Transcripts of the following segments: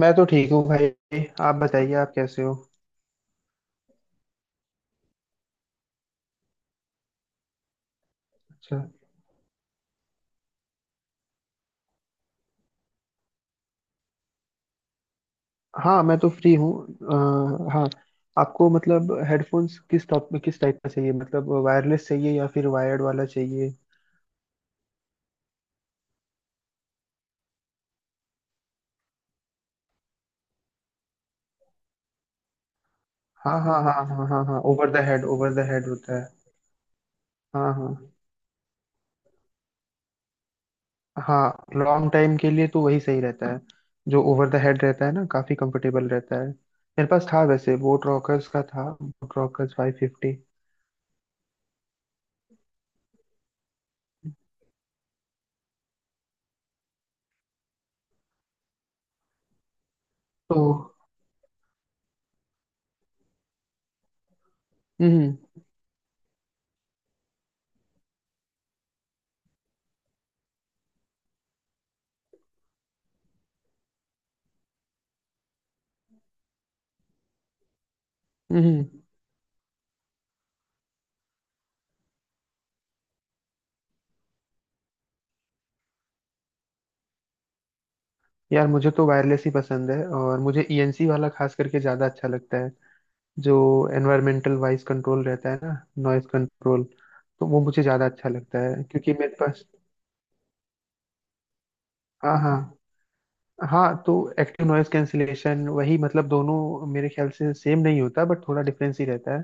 मैं तो ठीक हूँ भाई। आप बताइए, आप कैसे हो? अच्छा। हाँ मैं तो फ्री हूँ। हाँ, आपको मतलब हेडफोन्स किस टाइप का चाहिए, मतलब वायरलेस चाहिए या फिर वायर्ड वाला चाहिए? हाँ हाँ हाँ हाँ हाँ हाँ, over the head, over the head होता है। हाँ हाँ हाँ, लॉन्ग टाइम के लिए तो वही सही रहता है, जो ओवर द हेड रहता है ना, काफी कंफर्टेबल रहता है। मेरे पास था वैसे, बोट रॉकर्स का था, बोट रॉकर्स 550। तो हम्म हम्म। यार मुझे तो वायरलेस ही पसंद है, और मुझे ईएनसी वाला खास करके ज़्यादा अच्छा लगता है। जो एनवायरमेंटल वॉइस कंट्रोल रहता है ना, नॉइस कंट्रोल, तो वो मुझे ज़्यादा अच्छा लगता है क्योंकि मेरे पास। हाँ हाँ। हाँ तो एक्टिव नॉइस कैंसिलेशन, वही मतलब दोनों मेरे ख्याल से सेम नहीं होता, बट थोड़ा डिफरेंस ही रहता है।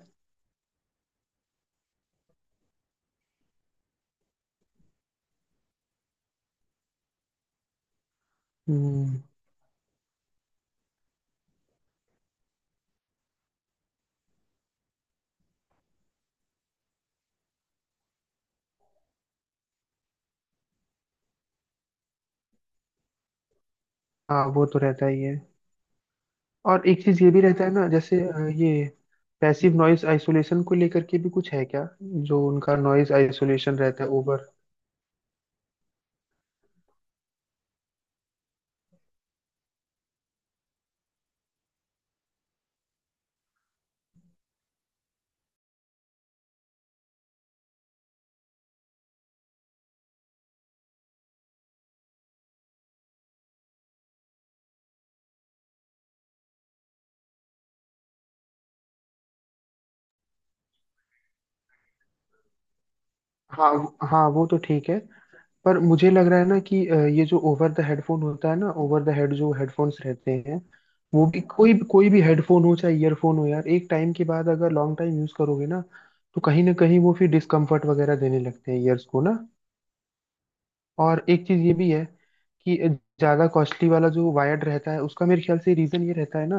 हम्म। हाँ वो तो रहता ही है, और एक चीज़ ये भी रहता है ना, जैसे ये पैसिव नॉइस आइसोलेशन को लेकर के भी कुछ है क्या? जो उनका नॉइस आइसोलेशन रहता है ओवर। हाँ हाँ, वो तो ठीक है, पर मुझे लग रहा है ना कि ये जो ओवर द हेडफोन होता है ना, ओवर द हेड जो हेडफोन्स रहते हैं, वो भी कोई कोई भी हेडफोन हो चाहे ईयरफोन हो, यार एक टाइम के बाद अगर लॉन्ग टाइम यूज करोगे ना, तो कहीं ना कहीं वो फिर डिस्कम्फर्ट वगैरह देने लगते हैं ईयर्स को ना। और एक चीज ये भी है, कि ज्यादा कॉस्टली वाला जो वायर्ड रहता है, उसका मेरे ख्याल से रीजन ये रहता है ना,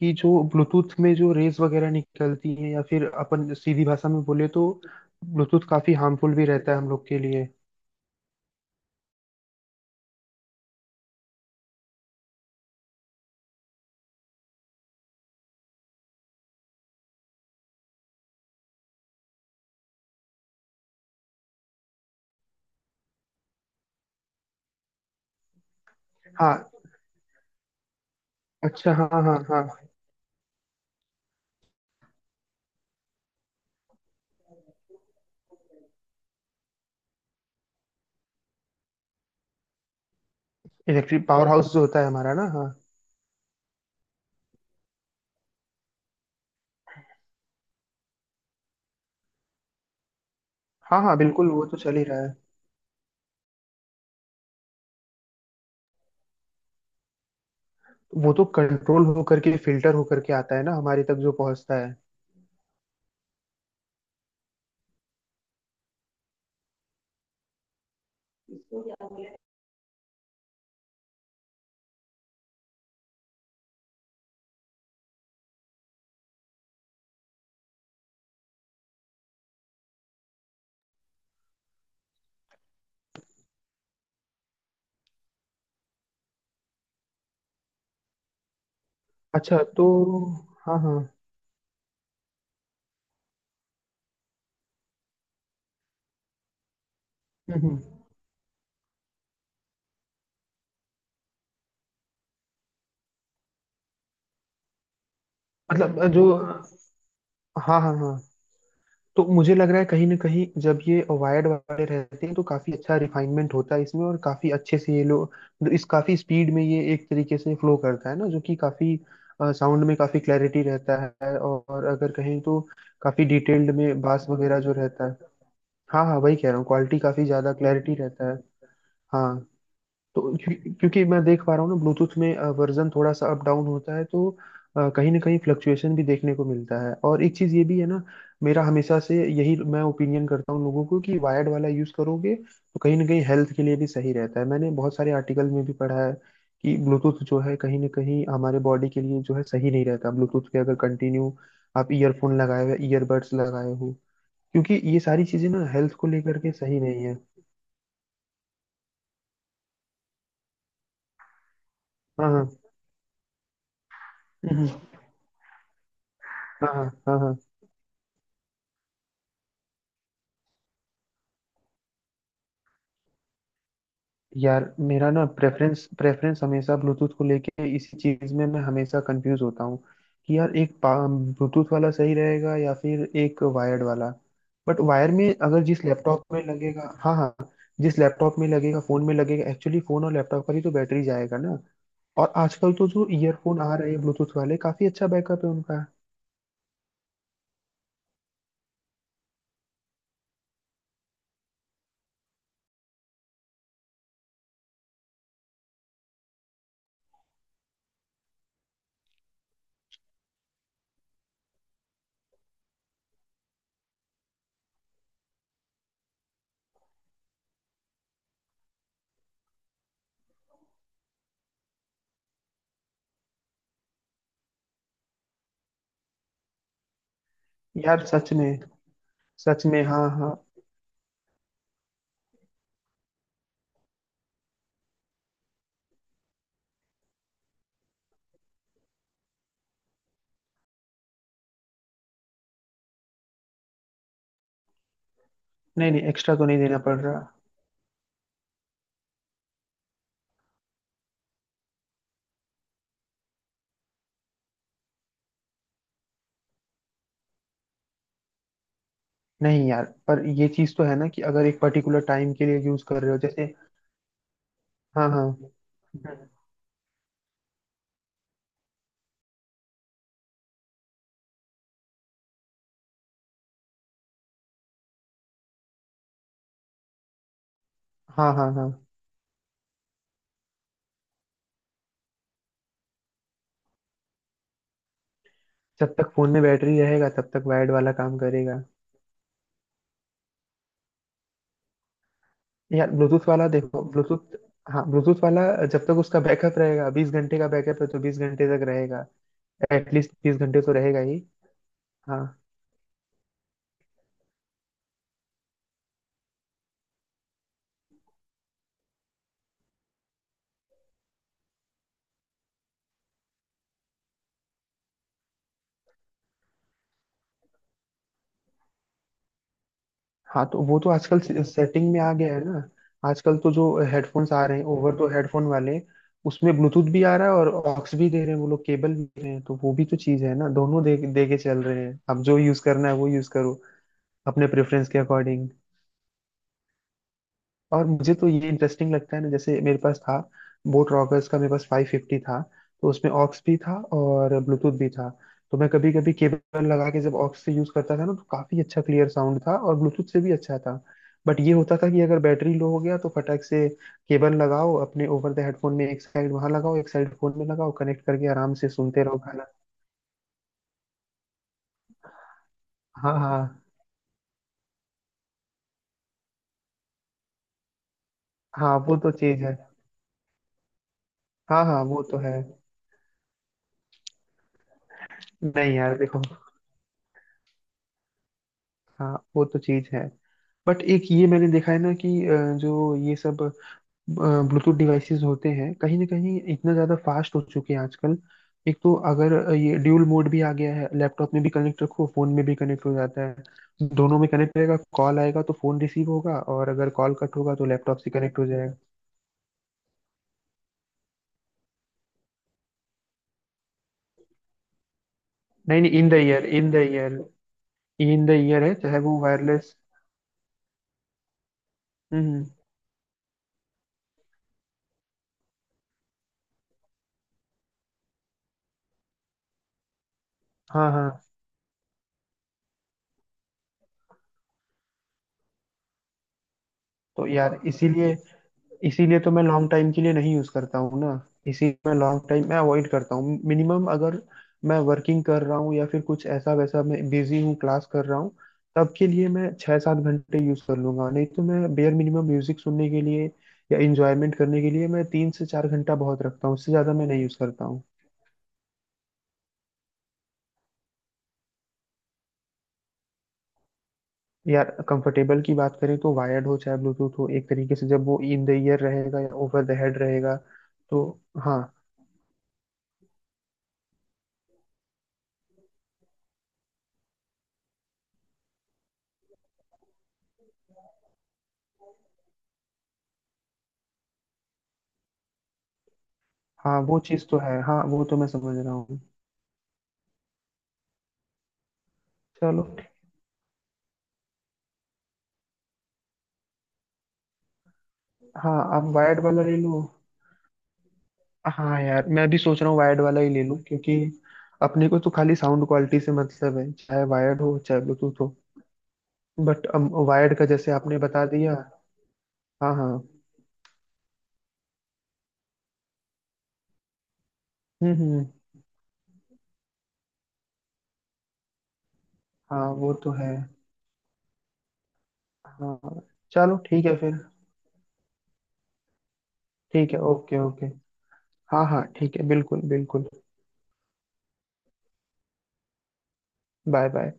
कि जो ब्लूटूथ में जो रेज वगैरह निकलती है, या फिर अपन सीधी भाषा में बोले तो ब्लूटूथ काफी हार्मफुल भी रहता है हम लोग के लिए। हाँ, अच्छा हाँ हाँ हाँ हाँ। इलेक्ट्रिक पावर हाउस जो होता है हमारा ना, हाँ। हाँ हाँ बिल्कुल, वो तो चल ही रहा है। वो तो कंट्रोल हो करके, फिल्टर हो करके आता है ना, हमारे तक जो पहुंचता है। अच्छा तो, हाँ हाँ। हम्म हम्म। मतलब जो, हाँ हाँ हाँ, तो मुझे लग रहा है कहीं ना कहीं जब ये वायर्ड वाले रहते हैं तो काफी अच्छा रिफाइनमेंट होता है इसमें, और काफी अच्छे से ये लोग, मतलब इस काफी स्पीड में ये एक तरीके से फ्लो करता है ना, जो कि काफी साउंड में काफी क्लैरिटी रहता है, और अगर कहें तो काफी डिटेल्ड में बास वगैरह जो रहता है। हाँ हाँ, वही कह रहा हूँ, क्वालिटी काफी ज्यादा क्लैरिटी रहता है। हाँ तो क्योंकि मैं देख पा रहा हूँ ना, ब्लूटूथ में वर्जन थोड़ा सा अप डाउन होता है, तो कहीं ना कहीं फ्लक्चुएशन भी देखने को मिलता है। और एक चीज़ ये भी है ना, मेरा हमेशा से यही मैं ओपिनियन करता हूँ लोगों को, कि वायर्ड वाला यूज़ करोगे तो कहीं ना कहीं हेल्थ के लिए भी सही रहता है, मैंने बहुत सारे आर्टिकल में भी पढ़ा है कि ब्लूटूथ जो है कहीं ना कहीं हमारे बॉडी के लिए जो है सही नहीं रहता। ब्लूटूथ पे अगर कंटिन्यू आप ईयरफोन लगाए हुए, ईयरबड्स लगाए हो, क्योंकि ये सारी चीज़ें ना हेल्थ को लेकर के सही नहीं है। हाँ हाँ, हम्म, हाँ हाँ हाँ हाँ, यार मेरा ना प्रेफरेंस प्रेफरेंस हमेशा ब्लूटूथ को लेके, इसी चीज में मैं हमेशा कंफ्यूज होता हूँ, कि यार एक ब्लूटूथ वाला सही रहेगा या फिर एक वायर्ड वाला, बट वायर में अगर जिस लैपटॉप में लगेगा। हाँ हाँ, जिस लैपटॉप में लगेगा, फोन में लगेगा, एक्चुअली फोन और लैपटॉप का ही तो बैटरी जाएगा ना। और आजकल तो जो ईयरफोन आ रहे हैं ब्लूटूथ वाले, काफी अच्छा बैकअप है उनका। यार सच में, सच में, हाँ हाँ। नहीं नहीं, एक्स्ट्रा तो नहीं देना पड़ रहा। नहीं यार पर ये चीज तो है ना, कि अगर एक पर्टिकुलर टाइम के लिए यूज कर रहे हो जैसे। हाँ हाँ हाँ हाँ हाँ। जब तक फोन में बैटरी रहेगा तब तक वायर्ड वाला काम करेगा। यार ब्लूटूथ वाला, देखो ब्लूटूथ, हाँ ब्लूटूथ वाला जब तक उसका बैकअप रहेगा, 20 घंटे का बैकअप है तो 20 घंटे तक रहेगा, एटलीस्ट 20 घंटे तो रहेगा ही। हाँ हाँ, तो वो तो आजकल सेटिंग में आ गया है ना, आजकल तो जो हेडफोन्स आ रहे हैं ओवर, तो हेडफोन वाले उसमें ब्लूटूथ भी आ रहा है, और ऑक्स भी दे रहे हैं वो लोग, केबल भी दे रहे हैं, तो वो भी तो चीज़ है ना, दोनों दे दे के चल रहे हैं, अब जो यूज़ करना है वो यूज़ करो अपने प्रेफरेंस के अकॉर्डिंग। और मुझे तो ये इंटरेस्टिंग लगता है ना, जैसे मेरे पास था बोट रॉकर्स का, मेरे पास 550 था, तो उसमें ऑक्स भी था और ब्लूटूथ भी था, तो मैं कभी कभी केबल लगा के जब ऑक्स से यूज करता था ना, तो काफी अच्छा क्लियर साउंड था, और ब्लूटूथ से भी अच्छा था। बट ये होता था कि अगर बैटरी लो हो गया तो फटाक से केबल लगाओ अपने ओवर द हेडफोन में, एक साइड वहां लगाओ, एक साइड फोन में लगाओ, कनेक्ट करके आराम से सुनते रहो गाना। हाँ हाँ हाँ, वो तो चीज है, हाँ हाँ वो तो है। नहीं यार देखो, हाँ वो तो चीज है, बट एक ये मैंने देखा है ना कि जो ये सब ब्लूटूथ डिवाइसेस होते हैं कहीं ना कहीं इतना ज्यादा फास्ट हो चुके हैं आजकल, एक तो अगर ये ड्यूल मोड भी आ गया है, लैपटॉप में भी कनेक्ट रखो, फोन में भी कनेक्ट हो जाता है, दोनों में कनेक्ट रहेगा, कॉल आएगा तो फोन रिसीव होगा, और अगर कॉल कट होगा तो लैपटॉप से कनेक्ट हो जाएगा। नहीं नहीं, in the ear, in the ear, in the ear है चाहे वो वायरलेस। हम्म। हाँ हाँ, तो यार इसीलिए, इसीलिए तो मैं लॉन्ग टाइम के लिए नहीं यूज करता हूँ ना, इसी मैं लॉन्ग टाइम मैं अवॉइड करता हूँ, मिनिमम अगर मैं वर्किंग कर रहा हूँ या फिर कुछ ऐसा वैसा मैं बिजी हूँ, क्लास कर रहा हूँ, तब के लिए मैं 6 7 घंटे यूज कर लूंगा, नहीं तो मैं बेयर मिनिमम म्यूजिक सुनने के लिए या इंजॉयमेंट करने के लिए मैं 3 से 4 घंटा बहुत रखता हूँ, उससे ज्यादा मैं नहीं यूज करता हूँ। यार कंफर्टेबल की बात करें तो वायर्ड हो चाहे ब्लूटूथ हो, एक तरीके से जब वो इन द ईयर रहेगा या ओवर द हेड रहेगा तो। हाँ हाँ वो चीज़ तो है, हाँ वो तो मैं समझ रहा हूँ। चलो। हाँ आप वायर्ड वाला ले लो। हाँ यार मैं भी सोच रहा हूँ वायर्ड वाला ही ले लूँ, क्योंकि अपने को तो खाली साउंड क्वालिटी से मतलब है चाहे वायर्ड हो चाहे ब्लूटूथ हो, बट वायर्ड का जैसे आपने बता दिया। हाँ हाँ। हम्म। हाँ वो तो है। हाँ चलो ठीक है फिर। ठीक है ओके ओके। हाँ हाँ ठीक है बिल्कुल बिल्कुल। Bye bye.